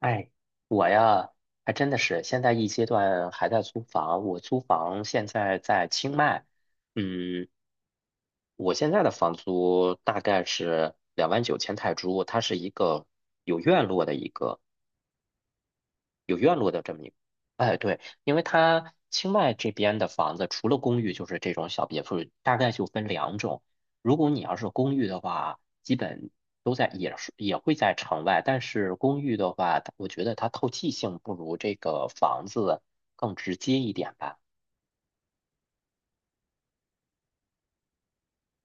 哎，我呀，还真的是现在一阶段还在租房。我租房现在在清迈，嗯，我现在的房租大概是29,000泰铢，它是一个有院落的一个。有院落的这么一个。哎，对，因为它清迈这边的房子，除了公寓就是这种小别墅，大概就分两种。如果你要是公寓的话，基本都在也是也会在城外，但是公寓的话，我觉得它透气性不如这个房子更直接一点吧。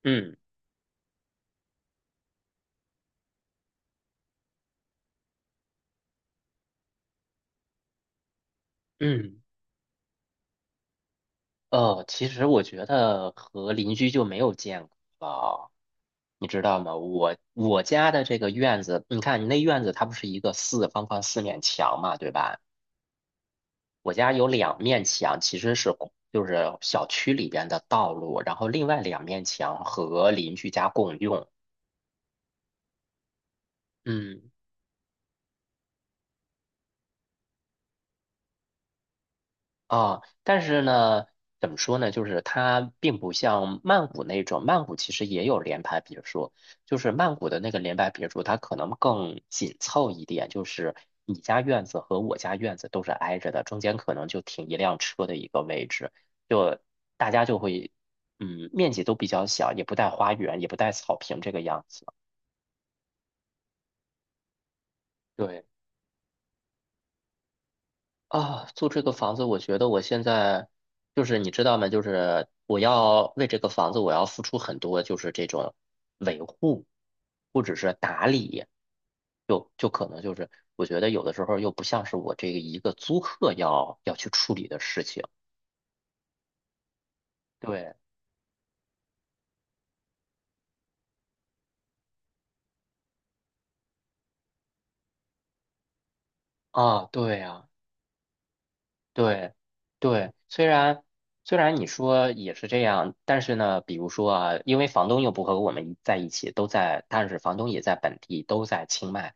嗯嗯。其实我觉得和邻居就没有见过了。你知道吗？我家的这个院子，你看你那院子它不是一个四方方四面墙嘛，对吧？我家有两面墙，其实是就是小区里边的道路，然后另外两面墙和邻居家共用。嗯。啊，但是呢，怎么说呢？就是它并不像曼谷那种，曼谷其实也有联排别墅，就是曼谷的那个联排别墅，它可能更紧凑一点，就是你家院子和我家院子都是挨着的，中间可能就停一辆车的一个位置，就大家就会，嗯，面积都比较小，也不带花园，也不带草坪这个样子。对。啊，租这个房子，我觉得我现在就是你知道吗？就是我要为这个房子，我要付出很多，就是这种维护或者是打理，就可能就是我觉得有的时候又不像是我这个一个租客要去处理的事情。对啊，对呀。对，对，虽然你说也是这样，但是呢，比如说啊，因为房东又不和我们在一起，都在，但是房东也在本地，都在清迈。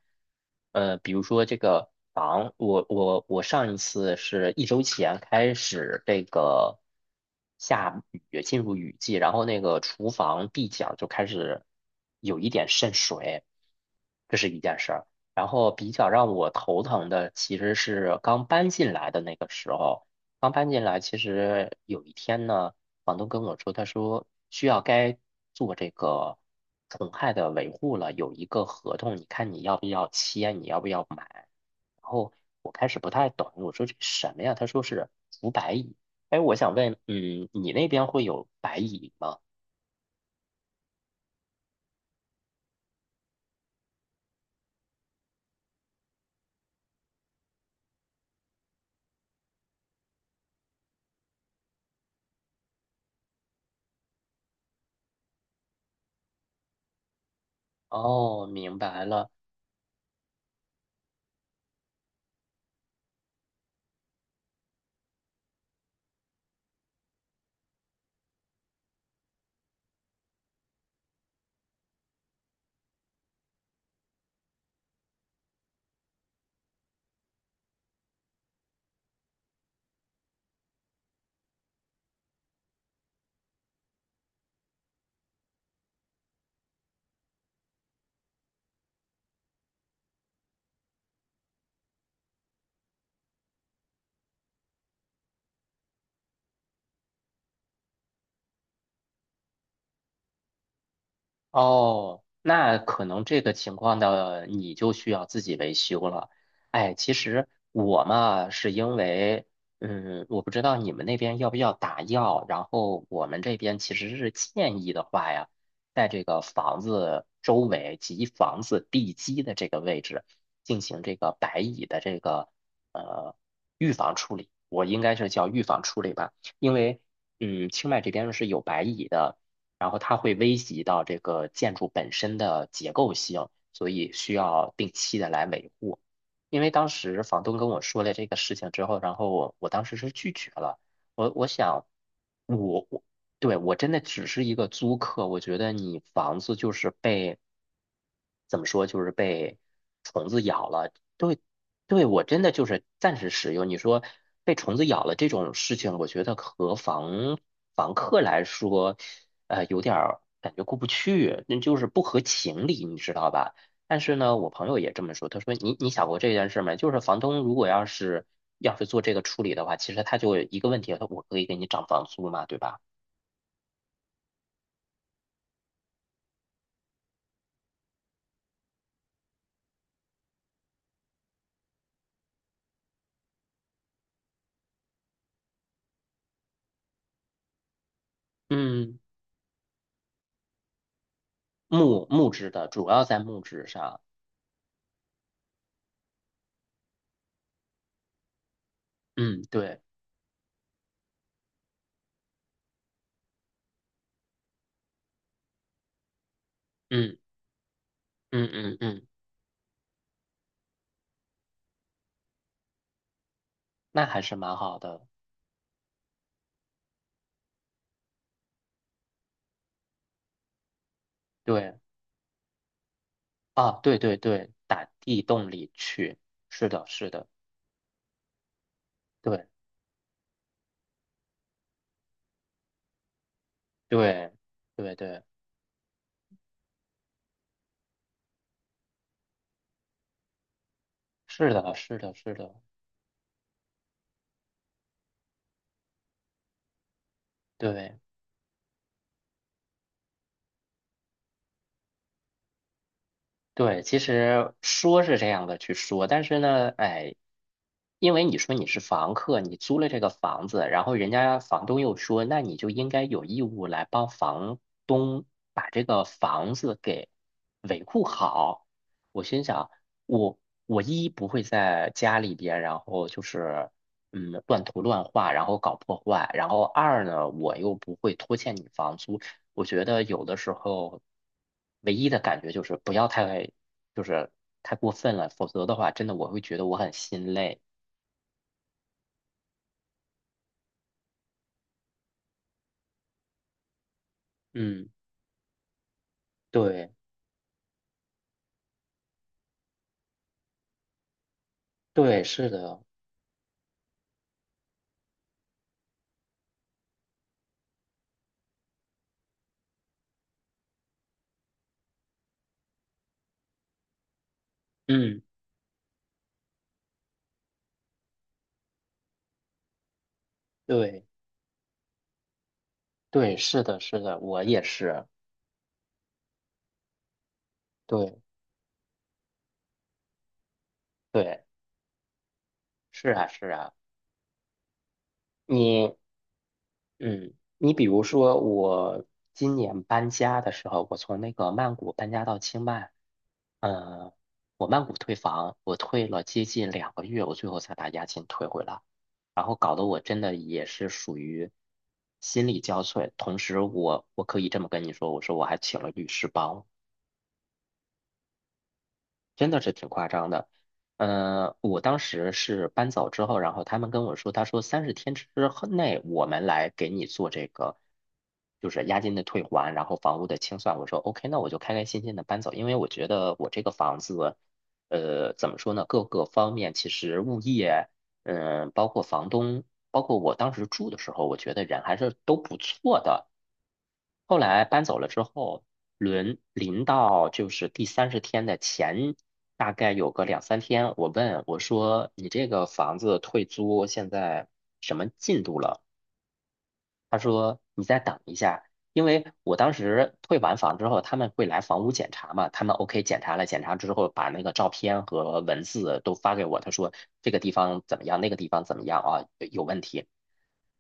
比如说这个房，我上一次是一周前开始这个下雨，进入雨季，然后那个厨房壁角就开始有一点渗水，这是一件事儿。然后比较让我头疼的其实是刚搬进来的那个时候，刚搬进来，其实有一天呢，房东跟我说，他说需要该做这个虫害的维护了，有一个合同，你看你要不要签，你要不要买。然后我开始不太懂，我说这什么呀？他说是除白蚁。哎，我想问，你那边会有白蚁吗？哦，明白了。哦，那可能这个情况的你就需要自己维修了。哎，其实我嘛，是因为，我不知道你们那边要不要打药，然后我们这边其实是建议的话呀，在这个房子周围及房子地基的这个位置进行这个白蚁的这个呃预防处理，我应该是叫预防处理吧，因为清迈这边是有白蚁的。然后它会危及到这个建筑本身的结构性，所以需要定期的来维护。因为当时房东跟我说了这个事情之后，然后我当时是拒绝了。我想，我对我真的只是一个租客，我觉得你房子就是被怎么说，就是被虫子咬了。对，对我真的就是暂时使用。你说被虫子咬了这种事情，我觉得和房客来说，有点儿感觉过不去，那就是不合情理，你知道吧？但是呢，我朋友也这么说，他说你想过这件事没？就是房东如果要是做这个处理的话，其实他就一个问题，他我可以给你涨房租嘛，对吧？嗯，木质的，主要在木质上。嗯，对，嗯嗯嗯嗯，那还是蛮好的。对啊，对对对，打地洞里去。是的，是的，对对对对，是的，是的，是的，对。对，其实说是这样的去说，但是呢，哎，因为你说你是房客，你租了这个房子，然后人家房东又说，那你就应该有义务来帮房东把这个房子给维护好。我心想，我我一不会在家里边，然后就是乱涂乱画，然后搞破坏，然后二呢，我又不会拖欠你房租。我觉得有的时候，唯一的感觉就是不要太，就是太过分了，否则的话，真的我会觉得我很心累。嗯，对，对，是的，嗯，对，对，是的，是的，我也是，对，对，是啊，是啊，你嗯，你比如说我今年搬家的时候，我从那个曼谷搬家到清迈，嗯，我曼谷退房，我退了接近2个月，我最后才把押金退回来，然后搞得我真的也是属于心力交瘁。同时我可以这么跟你说，我说我还请了律师帮我。真的是挺夸张的。我当时是搬走之后，然后他们跟我说，他说三十天之后内我们来给你做这个，就是押金的退还，然后房屋的清算。我说 OK，那我就开开心心的搬走，因为我觉得我这个房子，怎么说呢，各个方面其实物业，包括房东，包括我当时住的时候，我觉得人还是都不错的。后来搬走了之后，轮临到就是第三十天的前，大概有个两三天，我问我说：“你这个房子退租现在什么进度了？”他说你再等一下，因为我当时退完房之后，他们会来房屋检查嘛，他们 OK 检查了，检查之后把那个照片和文字都发给我，他说这个地方怎么样，那个地方怎么样啊，有问题。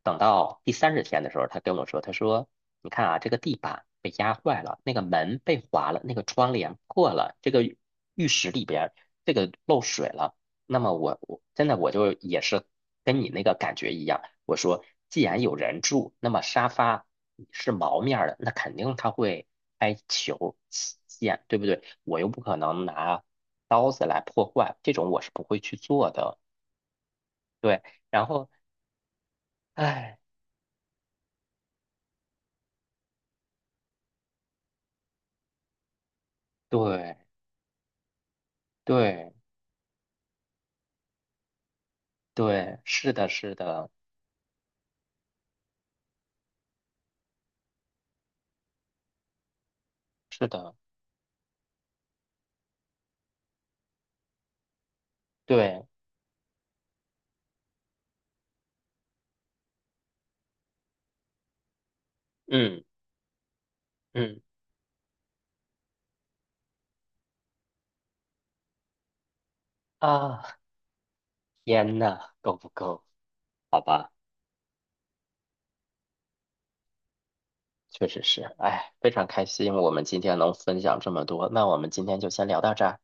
等到第三十天的时候，他跟我说，他说你看啊，这个地板被压坏了，那个门被划了，那个窗帘破了，这个浴室里边儿这个漏水了。那么我真的我就也是跟你那个感觉一样，我说既然有人住，那么沙发是毛面儿的，那肯定它会开球起溅，对不对？我又不可能拿刀子来破坏，这种我是不会去做的。对，然后哎，对对对，是的，是的，是的，对，嗯嗯啊，天呐，够不够？好吧。确实是，哎，非常开心我们今天能分享这么多，那我们今天就先聊到这儿。